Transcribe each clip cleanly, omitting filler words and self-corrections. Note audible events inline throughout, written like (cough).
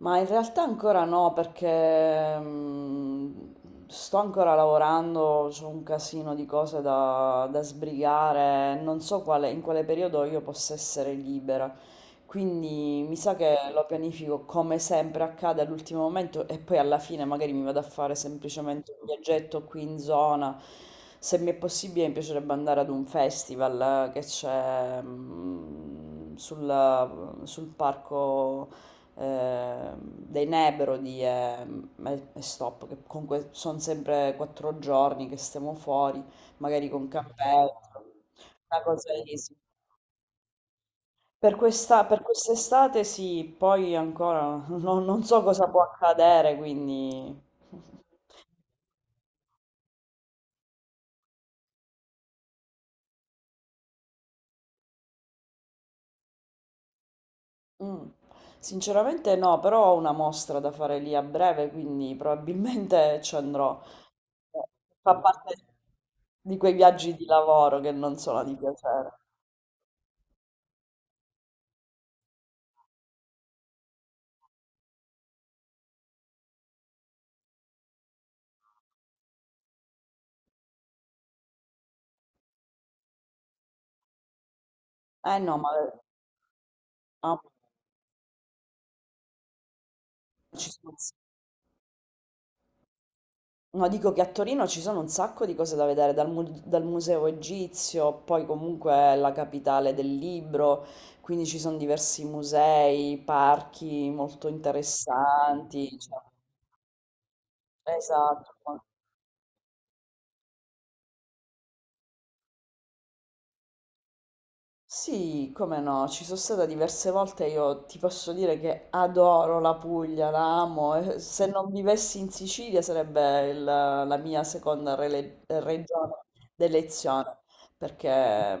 Ma in realtà ancora no, perché sto ancora lavorando, c'ho un casino di cose da sbrigare, non so in quale periodo io possa essere libera. Quindi mi sa che lo pianifico come sempre accade all'ultimo momento e poi alla fine magari mi vado a fare semplicemente un viaggetto qui in zona. Se mi è possibile, mi piacerebbe andare ad un festival che c'è sul parco dei Nebro di e stop, che comunque sono sempre 4 giorni che stiamo fuori, magari con campeggio, una cosa easy. Per quest'estate sì, poi ancora (laughs) non so cosa può accadere, quindi. (laughs) Mm. Sinceramente no, però ho una mostra da fare lì a breve, quindi probabilmente ci andrò. Fa parte di quei viaggi di lavoro che non sono di piacere. Eh no. Ah, ci sono un s- No, dico che a Torino ci sono un sacco di cose da vedere, dal Museo Egizio, poi comunque è la capitale del libro, quindi ci sono diversi musei, parchi molto interessanti. Cioè, esatto. Sì, come no, ci sono stata diverse volte, io ti posso dire che adoro la Puglia, la amo, e se non vivessi in Sicilia sarebbe la mia seconda regione d'elezione, perché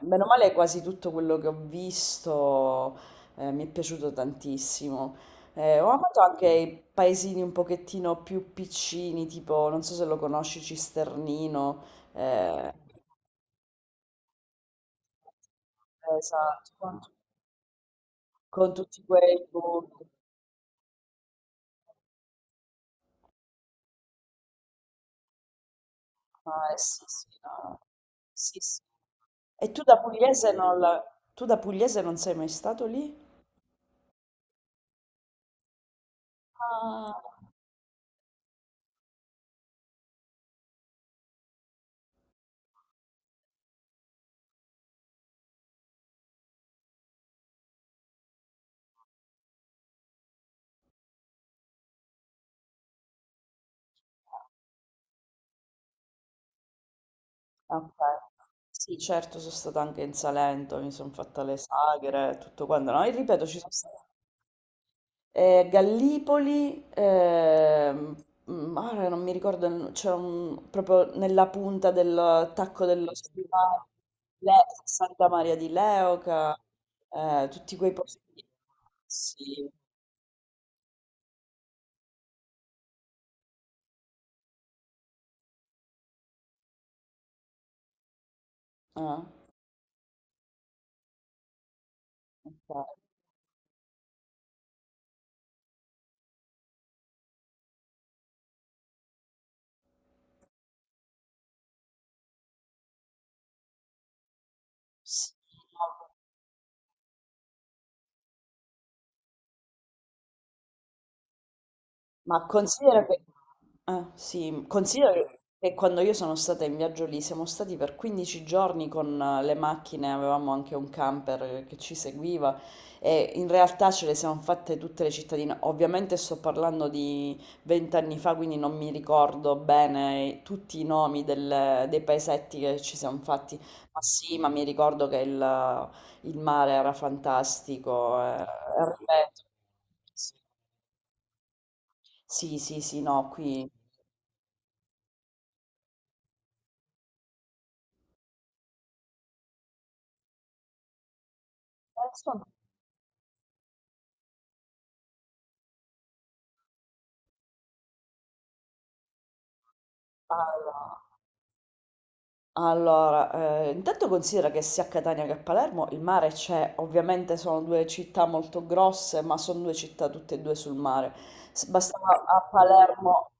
meno male quasi tutto quello che ho visto mi è piaciuto tantissimo. Ho amato anche i paesini un pochettino più piccini, tipo, non so se lo conosci, Cisternino. eh, Esatto. Con tutti quei punti. Ah, eh sì, sì, no. Sì, sì. E tu da pugliese non la... Tu da pugliese non sei mai stato lì? Ah, ok. Sì, certo, sono stata anche in Salento, mi sono fatta le sagre, tutto quanto. No, e ripeto, ci sono stata. Gallipoli, ehm, ah, ora non mi ricordo, il no- c'è un, proprio nella punta del tacco dello Stivale. Santa Maria di Leuca, tutti quei posti. Sì, ah, ok. Sì, no. Ma considera che, ah, sì, considera che quando io sono stata in viaggio lì, siamo stati per 15 giorni con le macchine, avevamo anche un camper che ci seguiva e in realtà ce le siamo fatte tutte le cittadine. Ovviamente sto parlando di 20 anni fa, quindi non mi ricordo bene tutti i nomi dei paesetti che ci siamo fatti, ma sì, ma mi ricordo che il mare era fantastico. Ripeto, sì, sì, sì, no, qui. Adesso no. Allora, intanto considera che sia a Catania che a Palermo il mare c'è, ovviamente sono due città molto grosse, ma sono due città tutte e due sul mare. Bastava a Palermo,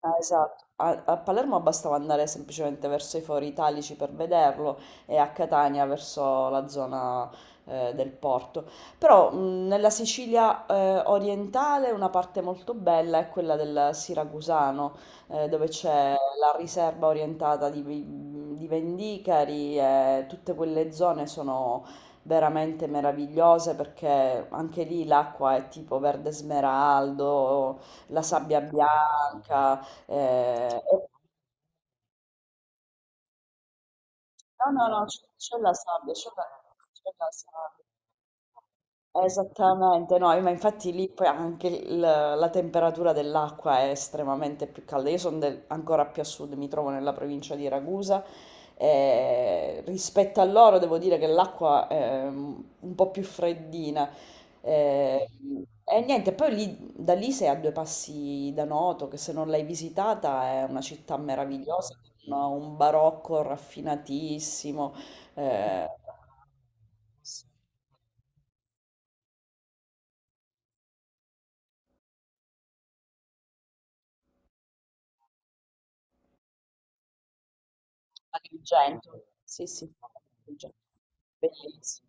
ah, esatto, a Palermo bastava andare semplicemente verso i Fori Italici per vederlo e a Catania verso la zona del porto. Però nella Sicilia orientale una parte molto bella è quella del Siracusano dove c'è la riserva orientata di Vendicari e tutte quelle zone sono veramente meravigliose perché anche lì l'acqua è tipo verde smeraldo, la sabbia bianca. eh, e- No, no, no, c'è la sabbia, c'è la sabbia. Esattamente, no, ma infatti lì poi anche la temperatura dell'acqua è estremamente più calda. Io sono ancora più a sud, mi trovo nella provincia di Ragusa. E rispetto a loro devo dire che l'acqua è un po' più freddina. Eh, E, niente, poi lì, da lì sei a due passi da Noto, che se non l'hai visitata è una città meravigliosa, con un barocco raffinatissimo. eh, A Agrigento, sì, sì, Agrigento. Bellissi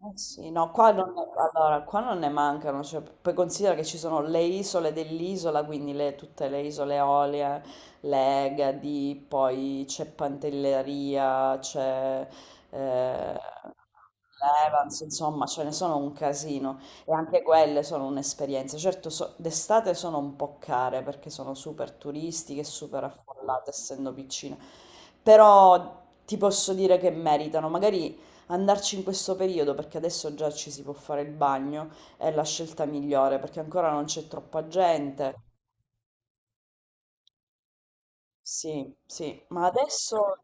Eh sì, no, qua non ne, allora, qua non ne mancano, cioè, poi considera che ci sono le isole dell'isola, quindi tutte le isole Eolie, le Egadi, poi c'è Pantelleria, c'è eh, l'Evans, insomma, ce ne sono un casino e anche quelle sono un'esperienza. Certo, d'estate sono un po' care perché sono super turistiche, super affollate, essendo piccine, però ti posso dire che meritano, magari andarci in questo periodo, perché adesso già ci si può fare il bagno, è la scelta migliore, perché ancora non c'è troppa gente. Sì, sì, ma adesso.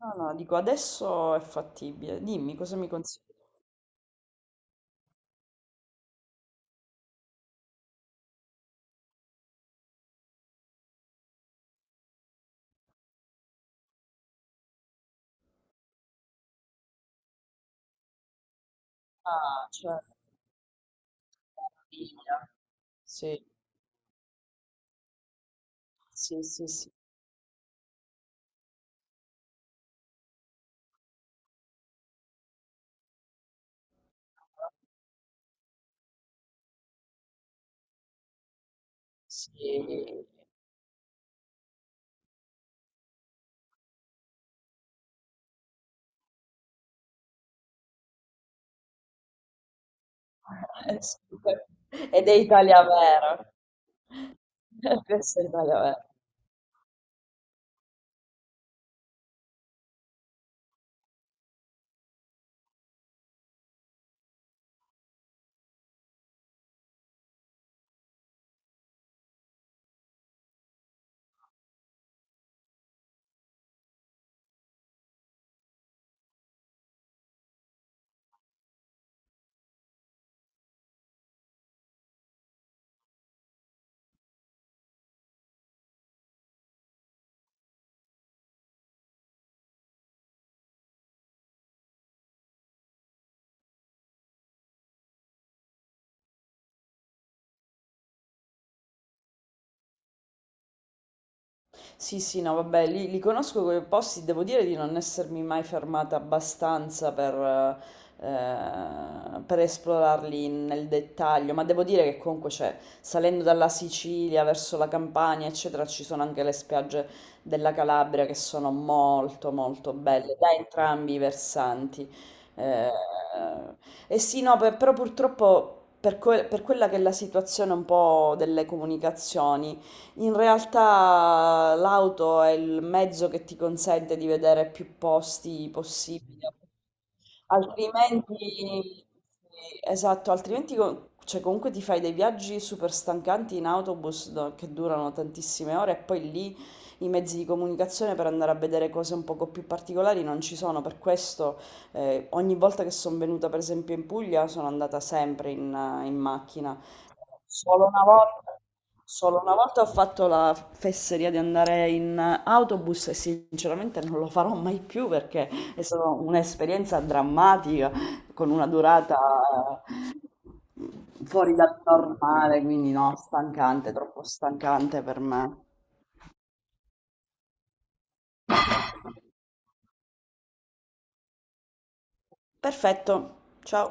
No, no, dico adesso è fattibile. Dimmi, cosa mi consigli? Ah, certo, famiglia. Sì, sì, sì, sì, sì. Sì. Ed è Italia vera. (laughs) Questa è Italia vera. Sì, sì, no, vabbè, li conosco quei posti, devo dire di non essermi mai fermata abbastanza per esplorarli nel dettaglio, ma devo dire che comunque c'è, salendo dalla Sicilia verso la Campania, eccetera, ci sono anche le spiagge della Calabria che sono molto, molto belle da entrambi i versanti. Eh, e sì, no, però purtroppo per quella che è la situazione un po' delle comunicazioni, in realtà l'auto è il mezzo che ti consente di vedere più posti possibili. Sì, esatto, altrimenti cioè, comunque ti fai dei viaggi super stancanti in autobus che durano tantissime ore e poi lì i mezzi di comunicazione per andare a vedere cose un poco più particolari non ci sono. Per questo ogni volta che sono venuta per esempio in Puglia sono andata sempre in macchina. Solo una volta, solo una volta, ho fatto la fesseria di andare in autobus e sinceramente non lo farò mai più perché. È stata un'esperienza drammatica con una durata fuori dal normale, quindi no, stancante, troppo stancante per me. Perfetto, ciao.